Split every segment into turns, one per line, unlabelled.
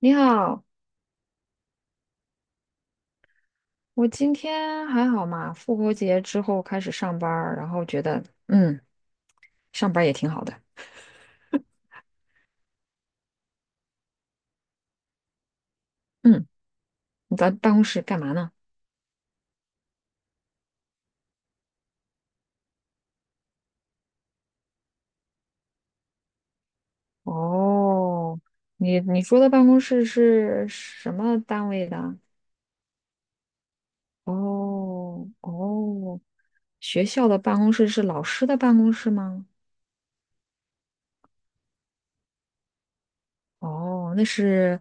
你好，我今天还好嘛？复活节之后开始上班儿然后觉得嗯，上班儿也挺好的。嗯，你在办公室干嘛呢？哦，你说的办公室是什么单位的？哦哦，学校的办公室是老师的办公室吗？哦，那是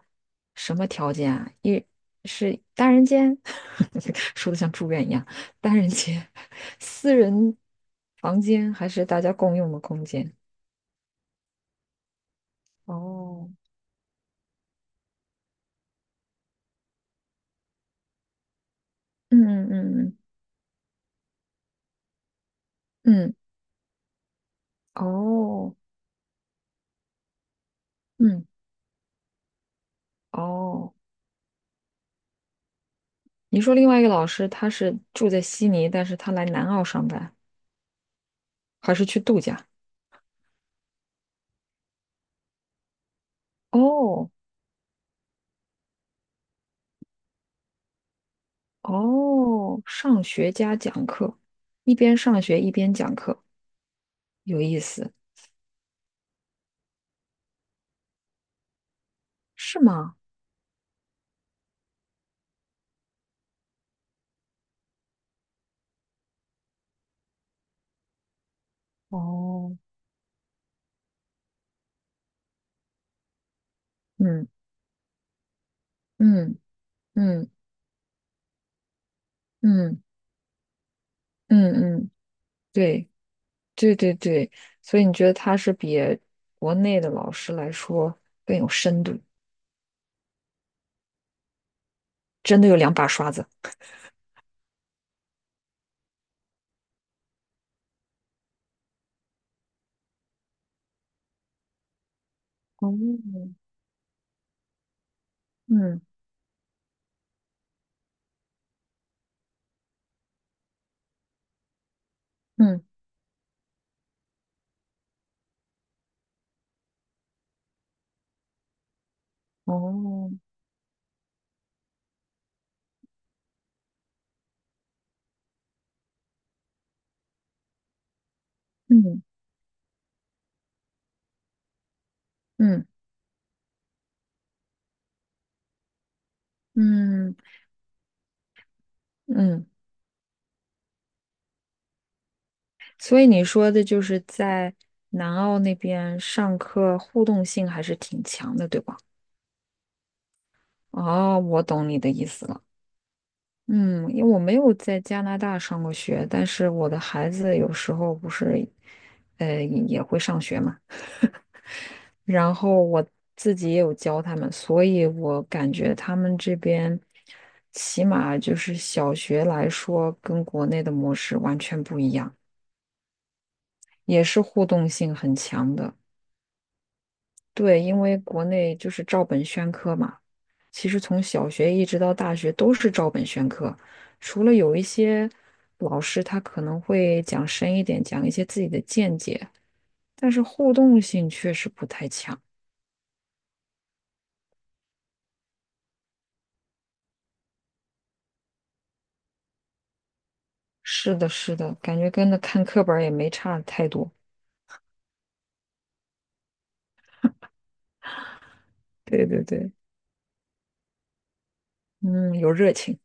什么条件啊？一是单人间，说的像住院一样，单人间、私人房间还是大家共用的空间？哦，嗯嗯嗯嗯，哦，嗯，哦，你说另外一个老师他是住在悉尼，但是他来南澳上班，还是去度假？哦哦，上学加讲课，一边上学一边讲课，有意思，是吗？哦，嗯嗯嗯嗯嗯嗯，对对对对，所以你觉得他是比国内的老师来说更有深度，真的有两把刷子。哦，嗯嗯，哦，嗯嗯嗯嗯，所以你说的就是在南澳那边上课互动性还是挺强的，对吧？哦，我懂你的意思了。嗯，因为我没有在加拿大上过学，但是我的孩子有时候不是，也会上学嘛。然后我自己也有教他们，所以我感觉他们这边起码就是小学来说，跟国内的模式完全不一样，也是互动性很强的。对，因为国内就是照本宣科嘛，其实从小学一直到大学都是照本宣科，除了有一些老师他可能会讲深一点，讲一些自己的见解，但是互动性确实不太强。是的，是的，感觉跟那看课本儿也没差太多。对对对，嗯，有热情。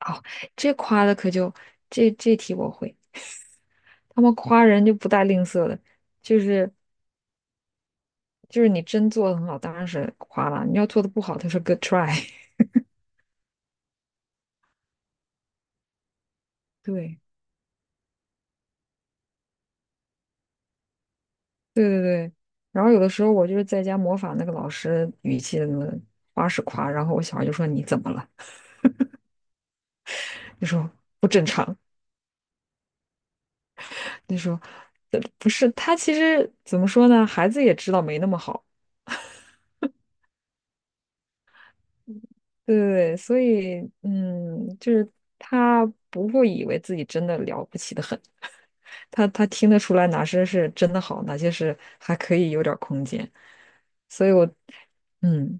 哦，这夸的可就这题我会，他们夸人就不带吝啬的，就是就是你真做的很好，当然是夸了；你要做的不好，他说 good try。对。对对对，然后有的时候我就是在家模仿那个老师语气的那夸是夸，然后我小孩就说你怎么了？就说不正常，就说不是他其实怎么说呢？孩子也知道没那么好，对对对，所以就是他不会以为自己真的了不起的很，他听得出来哪些是真的好，哪些是还可以有点儿空间，所以我，嗯，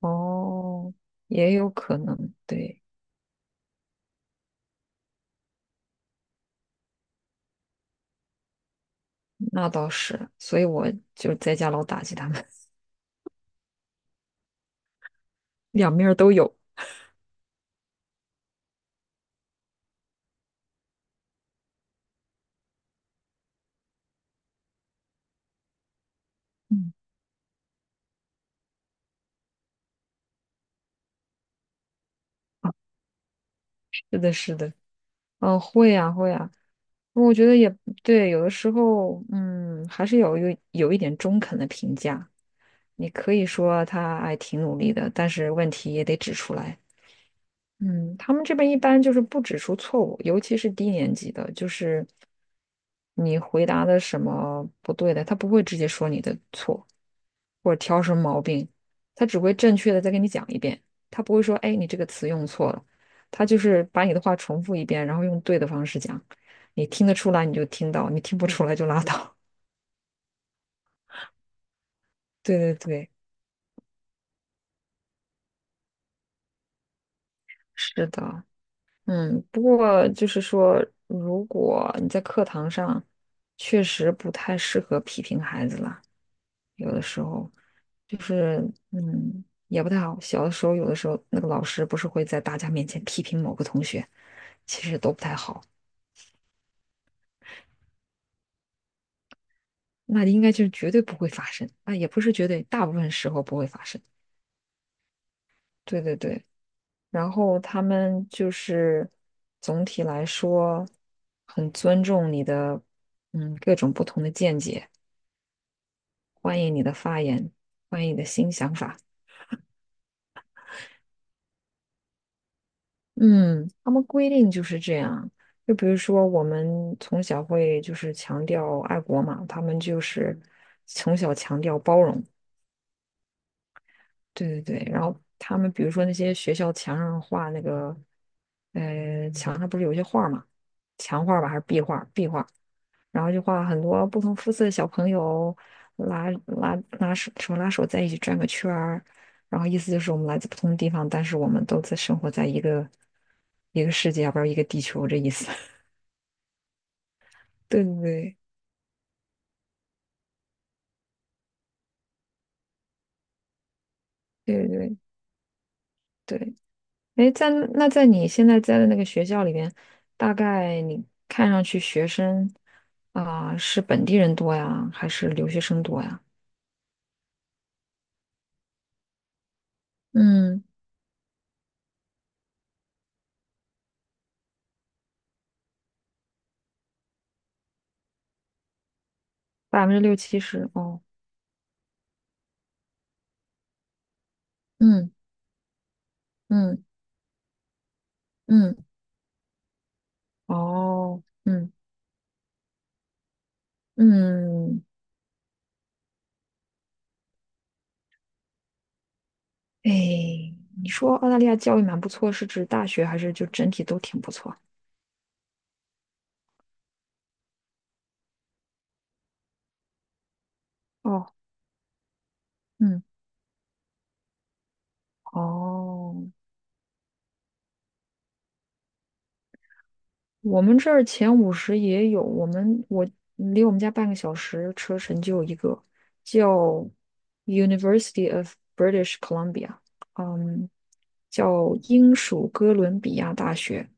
哦，也有可能，对。那倒是，所以我就在家老打击他们，两面儿都有。嗯，啊，是的，是的，嗯，会啊，会啊。我觉得也对，有的时候，嗯，还是有一点中肯的评价。你可以说他哎挺努力的，但是问题也得指出来。嗯，他们这边一般就是不指出错误，尤其是低年级的，就是你回答的什么不对的，他不会直接说你的错，或者挑什么毛病，他只会正确的再给你讲一遍，他不会说，哎，你这个词用错了，他就是把你的话重复一遍，然后用对的方式讲，你听得出来你就听到，你听不出来就拉倒。对对对，是的，嗯，不过就是说，如果你在课堂上，确实不太适合批评孩子了，有的时候，就是也不太好。小的时候，有的时候那个老师不是会在大家面前批评某个同学，其实都不太好。那应该就是绝对不会发生啊，也不是绝对，大部分时候不会发生。对对对，然后他们就是总体来说很尊重你的，各种不同的见解。欢迎你的发言，欢迎你的新想法。嗯，他们规定就是这样。就比如说，我们从小会就是强调爱国嘛，他们就是从小强调包容。对对对，然后他们比如说那些学校墙上画那个，墙上不是有一些画儿嘛，墙画儿吧还是壁画儿然后就画很多不同肤色的小朋友拉拉拉手手拉手在一起转个圈儿，然后意思就是我们来自不同的地方，但是我们都在生活在一个世界，要不是一个地球这意思。对对对对对对。哎，那在你现在在的那个学校里边，大概你看上去学生啊、是本地人多呀，还是留学生多呀？嗯，60%-70%哦，嗯嗯嗯，哦，嗯。嗯，哎，你说澳大利亚教育蛮不错，是指大学还是就整体都挺不错？哦，嗯，哦，我们这儿前五十也有，我离我们家半个小时车程就有一个叫 University of British Columbia，嗯，叫英属哥伦比亚大学，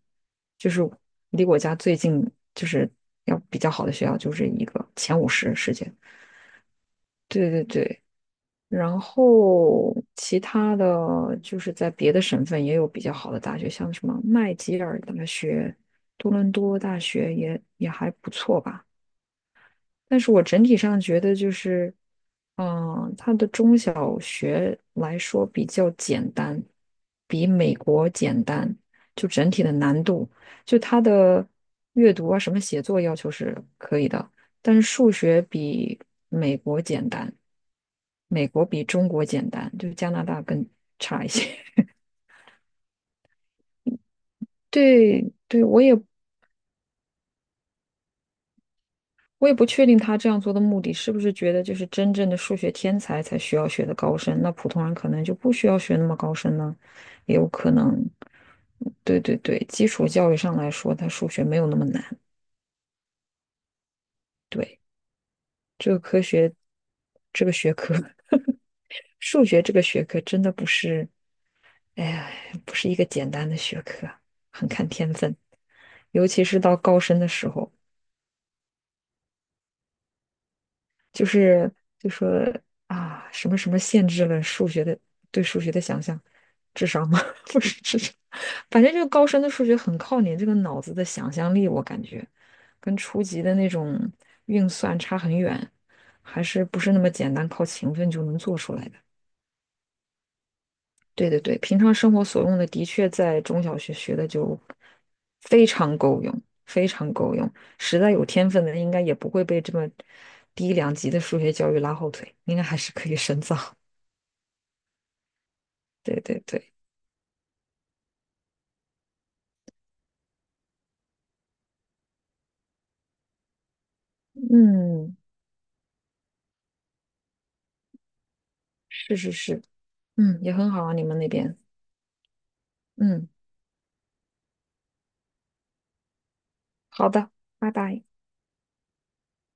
就是离我家最近，就是要比较好的学校，就是一个前五十世界。对对对，然后其他的就是在别的省份也有比较好的大学，像什么麦吉尔大学、多伦多大学也还不错吧。但是我整体上觉得就是，它的中小学来说比较简单，比美国简单，就整体的难度，就它的阅读啊，什么写作要求是可以的，但是数学比美国简单，美国比中国简单，就加拿大更差一些。对对，我也不确定他这样做的目的是不是觉得就是真正的数学天才才需要学的高深，那普通人可能就不需要学那么高深呢，也有可能。对对对，基础教育上来说，他数学没有那么难。对，这个科学，这个学科，数学这个学科真的不是，哎呀，不是一个简单的学科，很看天分，尤其是到高深的时候。就是就说啊，什么什么限制了数学的对数学的想象，智商吗？不是智商，反正这个高深的数学很靠你这个脑子的想象力，我感觉跟初级的那种运算差很远，还是不是那么简单靠勤奋就能做出来的。对对对，平常生活所用的的确在中小学学的就非常够用，非常够用。实在有天分的，应该也不会被这么低两级的数学教育拉后腿，应该还是可以深造。对对对，嗯，是是是，嗯，也很好啊，你们那边，嗯，好的，拜拜。